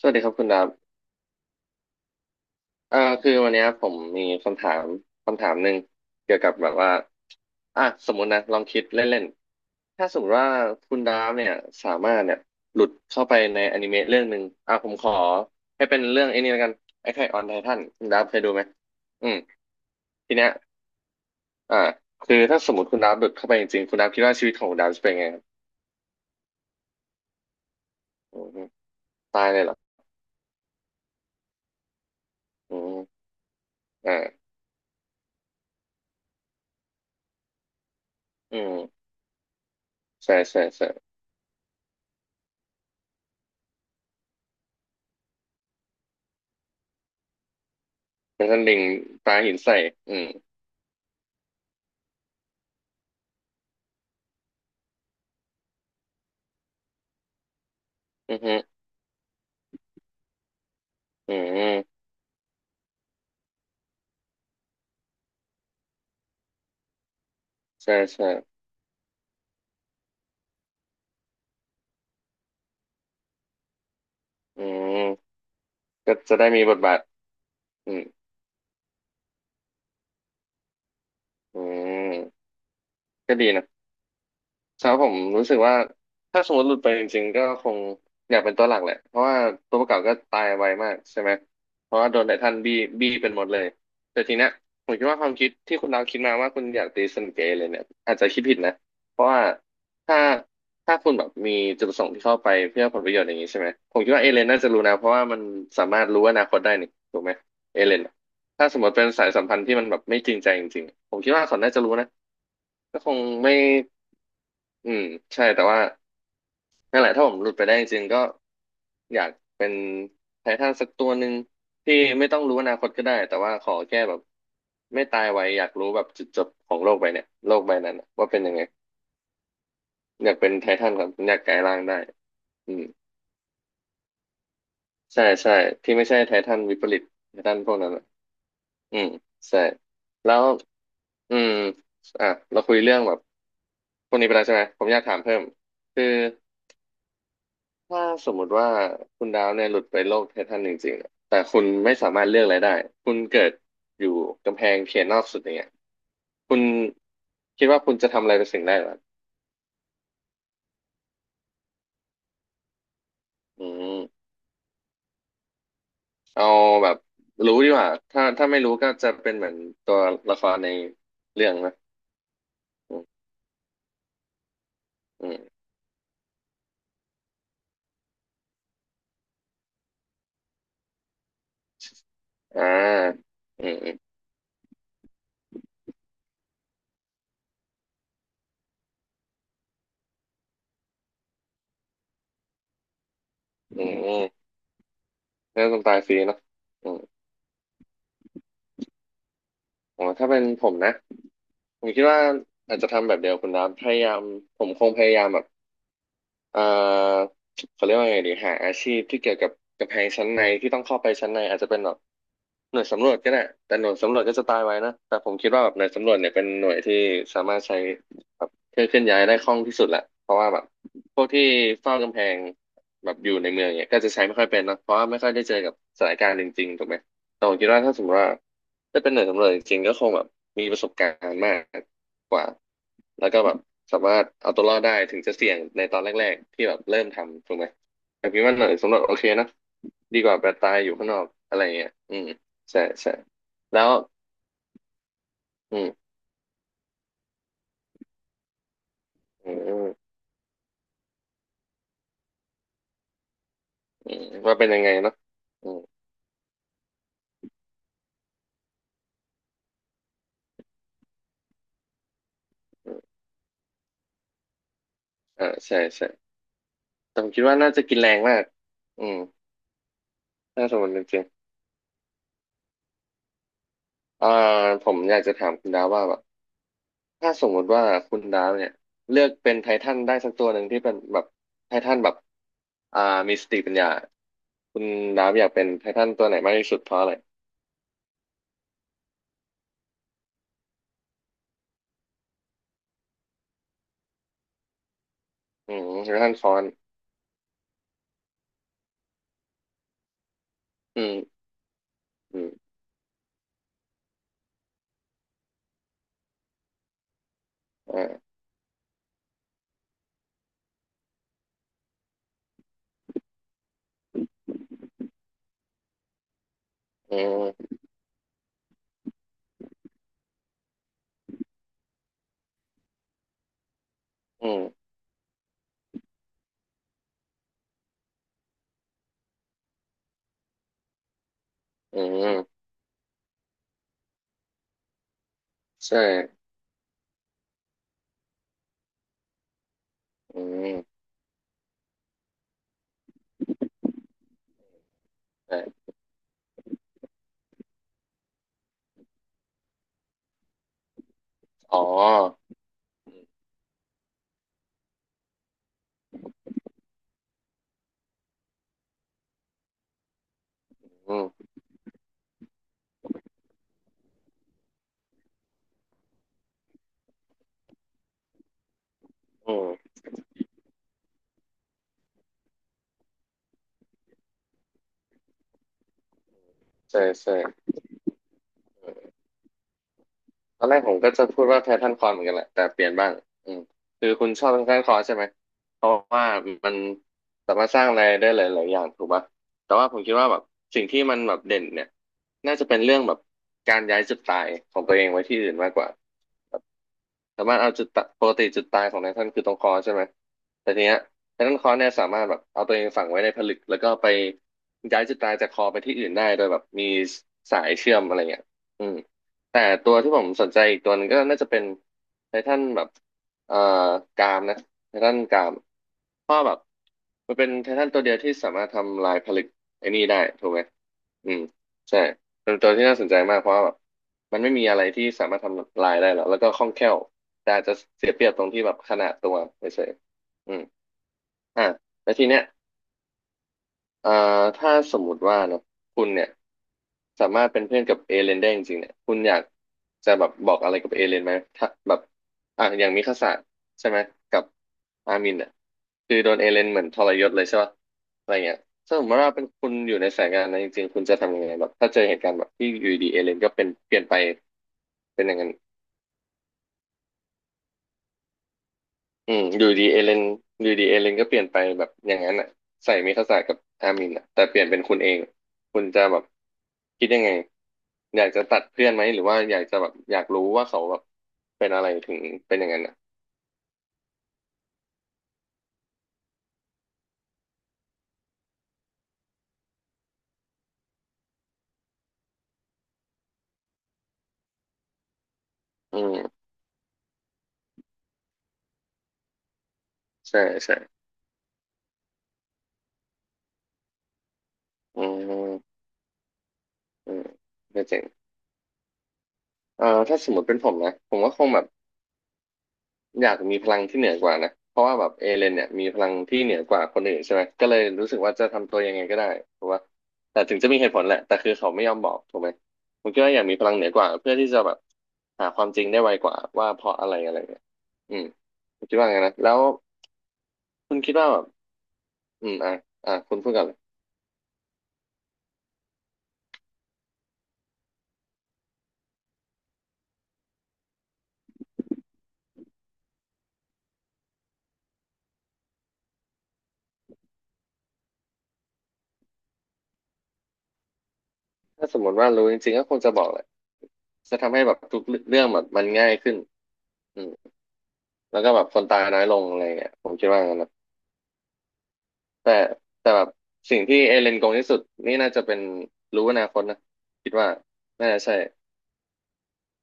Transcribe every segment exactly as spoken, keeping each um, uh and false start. สวัสดีครับคุณดาบเอ่อคือวันเนี้ยผมมีคำถามคำถามหนึ่งเกี่ยวกับแบบว่าอ่ะสมมตินะลองคิดเล่นๆถ้าสมมติว่าคุณดาบเนี่ยสามารถเนี่ยหลุดเข้าไปในอนิเมะเรื่องหนึ่งอ่ะผมขอให้เป็นเรื่องไอ้นี่แล้วกันไอ้ไข่ออนไททันคุณดาบเคยดูไหมอืมทีเนี้ยอ่าคือถ้าสมมติคุณดาบหลุดเข้าไปจริงๆคุณดาบคิดว่าชีวิตของคุณดาบจะเป็นไงครับอืมตายเลยเหรออืมอ่าอืมใช่ใช่ใช่เป็นท่านลิงปลาหินใส่อืมอือฮึ อืมใช่ใช่อืมก็จะได้มีบทบาทอืมอืมก็ดีนะ ครับผมรู้สึกว่าถ้าสมมติหลุดไปจริงๆก็คงอยากเป็นตัวหลักแหละเพราะว่าตัวประกอบก็ตายไวมากใช่ไหมเพราะว่าโดนไททันบี้บี้เป็นหมดเลยแต่ทีเนี้ยผมคิดว่าความคิดที่คุณดาวคิดมาว่าคุณอยากตีสนิทเกับเเลยเนี่ยอาจจะคิดผิดนะเพราะว่าถ้าถ้าคุณแบบมีจุดประสงค์ที่เข้าไปเพื่อผลประโยชน์อย่างนี้ใช่ไหมผมคิดว่าเอเลนน่าจะรู้นะเพราะว่ามันสามารถรู้อนาคตได้นี่ถูกไหมเอเลนอะถ้าสมมติเป็นสายสัมพันธ์ที่มันแบบไม่จริงใจจริงๆผมคิดว่าเขาน่าจะรู้นะก็คงไม่ อืมใช่แต่ว่านั่นแหละถ้าผมหลุดไปได้จริงๆก็อยากเป็นไททันสักตัวหนึ่งที่ไม่ต้องรู้อนาคตก็ได้แต่ว่าขอแค่แบบไม่ตายไวอยากรู้แบบจุดจบของโลกใบเนี่ยโลกใบนั้นอะว่าเป็นยังไงอยากเป็นไททันครับอยากกลายร่างได้อืมใช่ใช่ที่ไม่ใช่ไททันวิปริตไททันพวกนั้นอะอืมใช่แล้วอืมอ่ะเราคุยเรื่องแบบพวกนี้ไปแล้วใช่ไหมผมอยากถามเพิ่มคือ ถ้าสมมุติว่าคุณดาวเนี่ยหลุดไปโลกไททันจริงๆอะแต่คุณไม่สามารถเลือกอะไรได้คุณเกิดอยู่กำแพงเขียนนอกสุดอย่างเงี้ยคุณคิดว่าคุณจะทำอะไรเป็นสิ่งแรกเหรออืมเอาแบบรู้ดีกว่าถ้าถ้าไม่รู้ก็จะเป็นเหมือนตัวละครในเรื่องนะอืมอืมอ่าอืมอืมอืมเรื่องต้องตายฟรีเนาะอืมอ๋อถ้าเป็นผมนะผมคิดว่าอาจจะทำแบบเดียวคุณดาวพยายามผมคงพยายามแบบ เอ่อเขาเรียกว่าไงดีหาอาชีพที่เกี่ยวกับกับไฮชั้นในที่ต้องเข้าไปชั้นในอาจจะเป็นแบบ หน่วยสำรวจก็ได้แต่หน่วยสำรวจก็จะตายไว้นะแต่ผมคิดว่าแบบหน่วยสำรวจเนี่ยเป็นหน่วยที่สามารถใช้แบบเคลื่อนเคลื่อนย้ายได้คล่องที่สุดแหละเพราะว่าแบบพวกที่เฝ้ากำแพงแบบอยู่ในเมืองเนี่ยก็จะใช้ไม่ค่อยเป็นนะเพราะว่าไม่ค่อยได้เจอกับสถานการณ์จริงๆถูกไหมแต่ผมคิดว่าถ้าสมมติว่าถ้าเป็นหน่วยสำรวจจริงๆก็คงแบบมีประสบการณ์มากกว่าแล้วก็แบบสามารถเอาตัวรอดได้ถึงจะเสี่ยงในตอนแรกๆที่แบบเริ่มทำถูกไหมแต่พี่ว่าหน่วยสำรวจโอเคนะดีกว่าแบบตายอยู่ข้างนอกอะไรเงี้ยอืม ใช่ใช่แล้วอืมอืมอืมว่าเป็นยังไงเนาะอืมอืมอ่าใช่ใช่แต่ผมคิดว่าน่าจะกินแรงมากอืมถ้าสมมติจริงๆอ่าผมอยากจะถามคุณดาวว่าแบบถ้าสมมติว่าคุณดาวเนี่ยเลือกเป็นไททันได้สักตัวหนึ่งที่เป็นแบบไททันแบบอ่ามีสติปัญญาคุณดาวอยากเป็นไททันตัวไหนมากที่สุดเพราะอะไรอืมไททันฟอนอืมอืมอ่าอืมอืมอืมใช่อืมใช่อ๋อ อืมอืมใช่ใช่ตอนแรกผมก็จะพูดว่าแพทเทิร์นคอร์เหมือนกันแหละแต่เปลี่ยนบ้างอืมคือคุณชอบแพทเทิร์นคอร์ใช่ไหมเพราะว่ามันสามารถสร้างอะไรได้หลายๆอย่างถูกป่ะแต่ว่าผมคิดว่าแบบสิ่งที่มันแบบเด่นเนี่ยน่าจะเป็นเรื่องแบบการย้ายจุดตายของตัวเองไว้ที่อื่นมากกว่า สามารถเอาจุดตะปกติจุดตายของไททันคือตรงคอใช่ไหมแต่ทีเนี้ยไททันคอเนี่ยสามารถแบบเอาตัวเองฝังไว้ในผลึกแล้วก็ไปย้ายจุดตายจากคอไปที่อื่นได้โดยแบบมีสายเชื่อมอะไรเงี้ยอืมแต่ตัวที่ผมสนใจอีกตัวหนึงก็น่าจะเป็นไททันแบบเอ่อกรามนะไททันกรามเพราะแบบมันเป็นไททันตัวเดียวที่สามารถทำลายผลึกไอ้นี่ได้ถูกไหมอืมใช่เป็นตัวที่น่าสนใจมากเพราะว่าแบบมันไม่มีอะไรที่สามารถทำลายได้หรอกแล้วก็คล่องแคล่ว แต่อาจจะเสียเปรียบตรงที่แบบขนาดตัวเฉยๆอืมอ่ะแล้วทีเนี้ยเอ่อถ้าสมมุติว่าเนอะคุณเนี่ยสามารถเป็นเพื่อนกับเอเลนได้จริงๆเนี่ยคุณอยากจะแบบบอกอะไรกับเอเลนไหมถ้าแบบอ่ะอย่างมิคาสะใช่ไหม กับอามินเนี่ยคือโดนเอเลนเหมือนทรยศเลยใช่ป่ะอะไรเงี้ยถ้าสมมติว่าเป็นคุณอยู่ในสายงานนั้นจริงๆคุณจะทำยังไงแบบถ้าเจอเหตุการณ์แบบที่อยู่ดีเอเลนก็เป็นเปลี่ยนไปเป็นอย่างนั้น อืมอยู่ดีเอเลนอยู่ดีเอเลนก็เปลี่ยนไปแบบอย่างนั้นอ่ะใส่มิคาสะกับอามินอ่ะแต่เปลี่ยนเป็นคุณเองคุณจะแบบคิดยังไงอยากจะตัดเพื่อนไหมหรือว่าอยากจะแบบอยากรู้ว่าเขาแบบเป็นอะไรถึงเป็นอย่างนั้นอ่ะอืมใช่ใช่อืมอืมก็เจ๋งเอ่อถ้าสมมติเป็นผมนะผมก็คงแบบ อยากมีพลังที่เหนือกว่านะเพราะว่าแบบเอเลนเนี่ยมีพลังที่เหนือกว่าคนอื่นใช่ไหมก็เลยรู้สึกว่าจะทำตัวยังไงก็ได้เพกาะว่าแต่ถึงจะมีเหตุผลแหละแต่คือเขาไม่ยอมบอกถูกไหมผมคิดว่าอยากมีพลังเหนือกว่าเพื่อที่จะแบบหาความจริงได้ไวกว่าว่าเพราะอะไรอะไรเนี่ยอืมผมคิดว่าไงนะแล้วคุณคิดว่าแบบอืมอ่ะอ่ะคุณพูดกันเลยถ้าสมมติว่ารู้จริงๆก็คงจะบอกแหละจะทำให้แบบทุกเรื่องแบบมันง่ายขึ้นอืมแล้วก็แบบคนตายน้อยลงอะไรเงี้ยผมคิดว่างั้นนะ แต่แต่แบบสิ่งที่เอเลนโกงที่สุดนี่น่าจะเป็นรู้อนาคตนะคิดว่าน่าจะใช่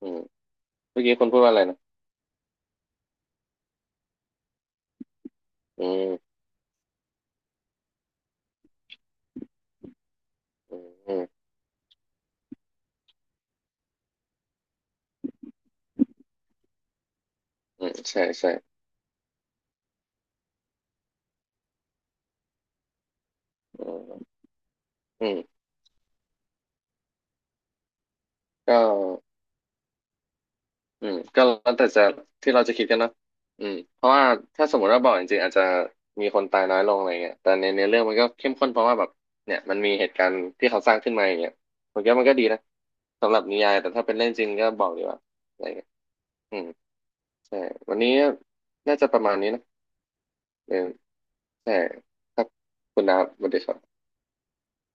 อืมเมื่อกี้คนพูดว่าอะไรนะอืมอืมอืมอืมใช่ใช่อืมอืมก็อืมก็แล้วแต่จะที่เราจะคิดกันเนอะอืมเพราะว่าถ้าสมมติว่าบอกจริงๆอาจจะมีคนตายน้อยลงอะไรเงี้ยแต่ในในเรื่องมันก็เข้มข้นเพราะว่าแบบเนี่ยมันมีเหตุการณ์ที่เขาสร้างขึ้นมาอย่างเงี้ยผมคิดว่ามันก็ดีนะสำหรับนิยายแต่ถ้าเป็นเรื่องจริงก็บอกดีกว่าอะไรเงี้ยอืม ใช่วันนี้น่าจะประมาณนี้นะเออใช่ครับ คุณดาบสวัสดีครับ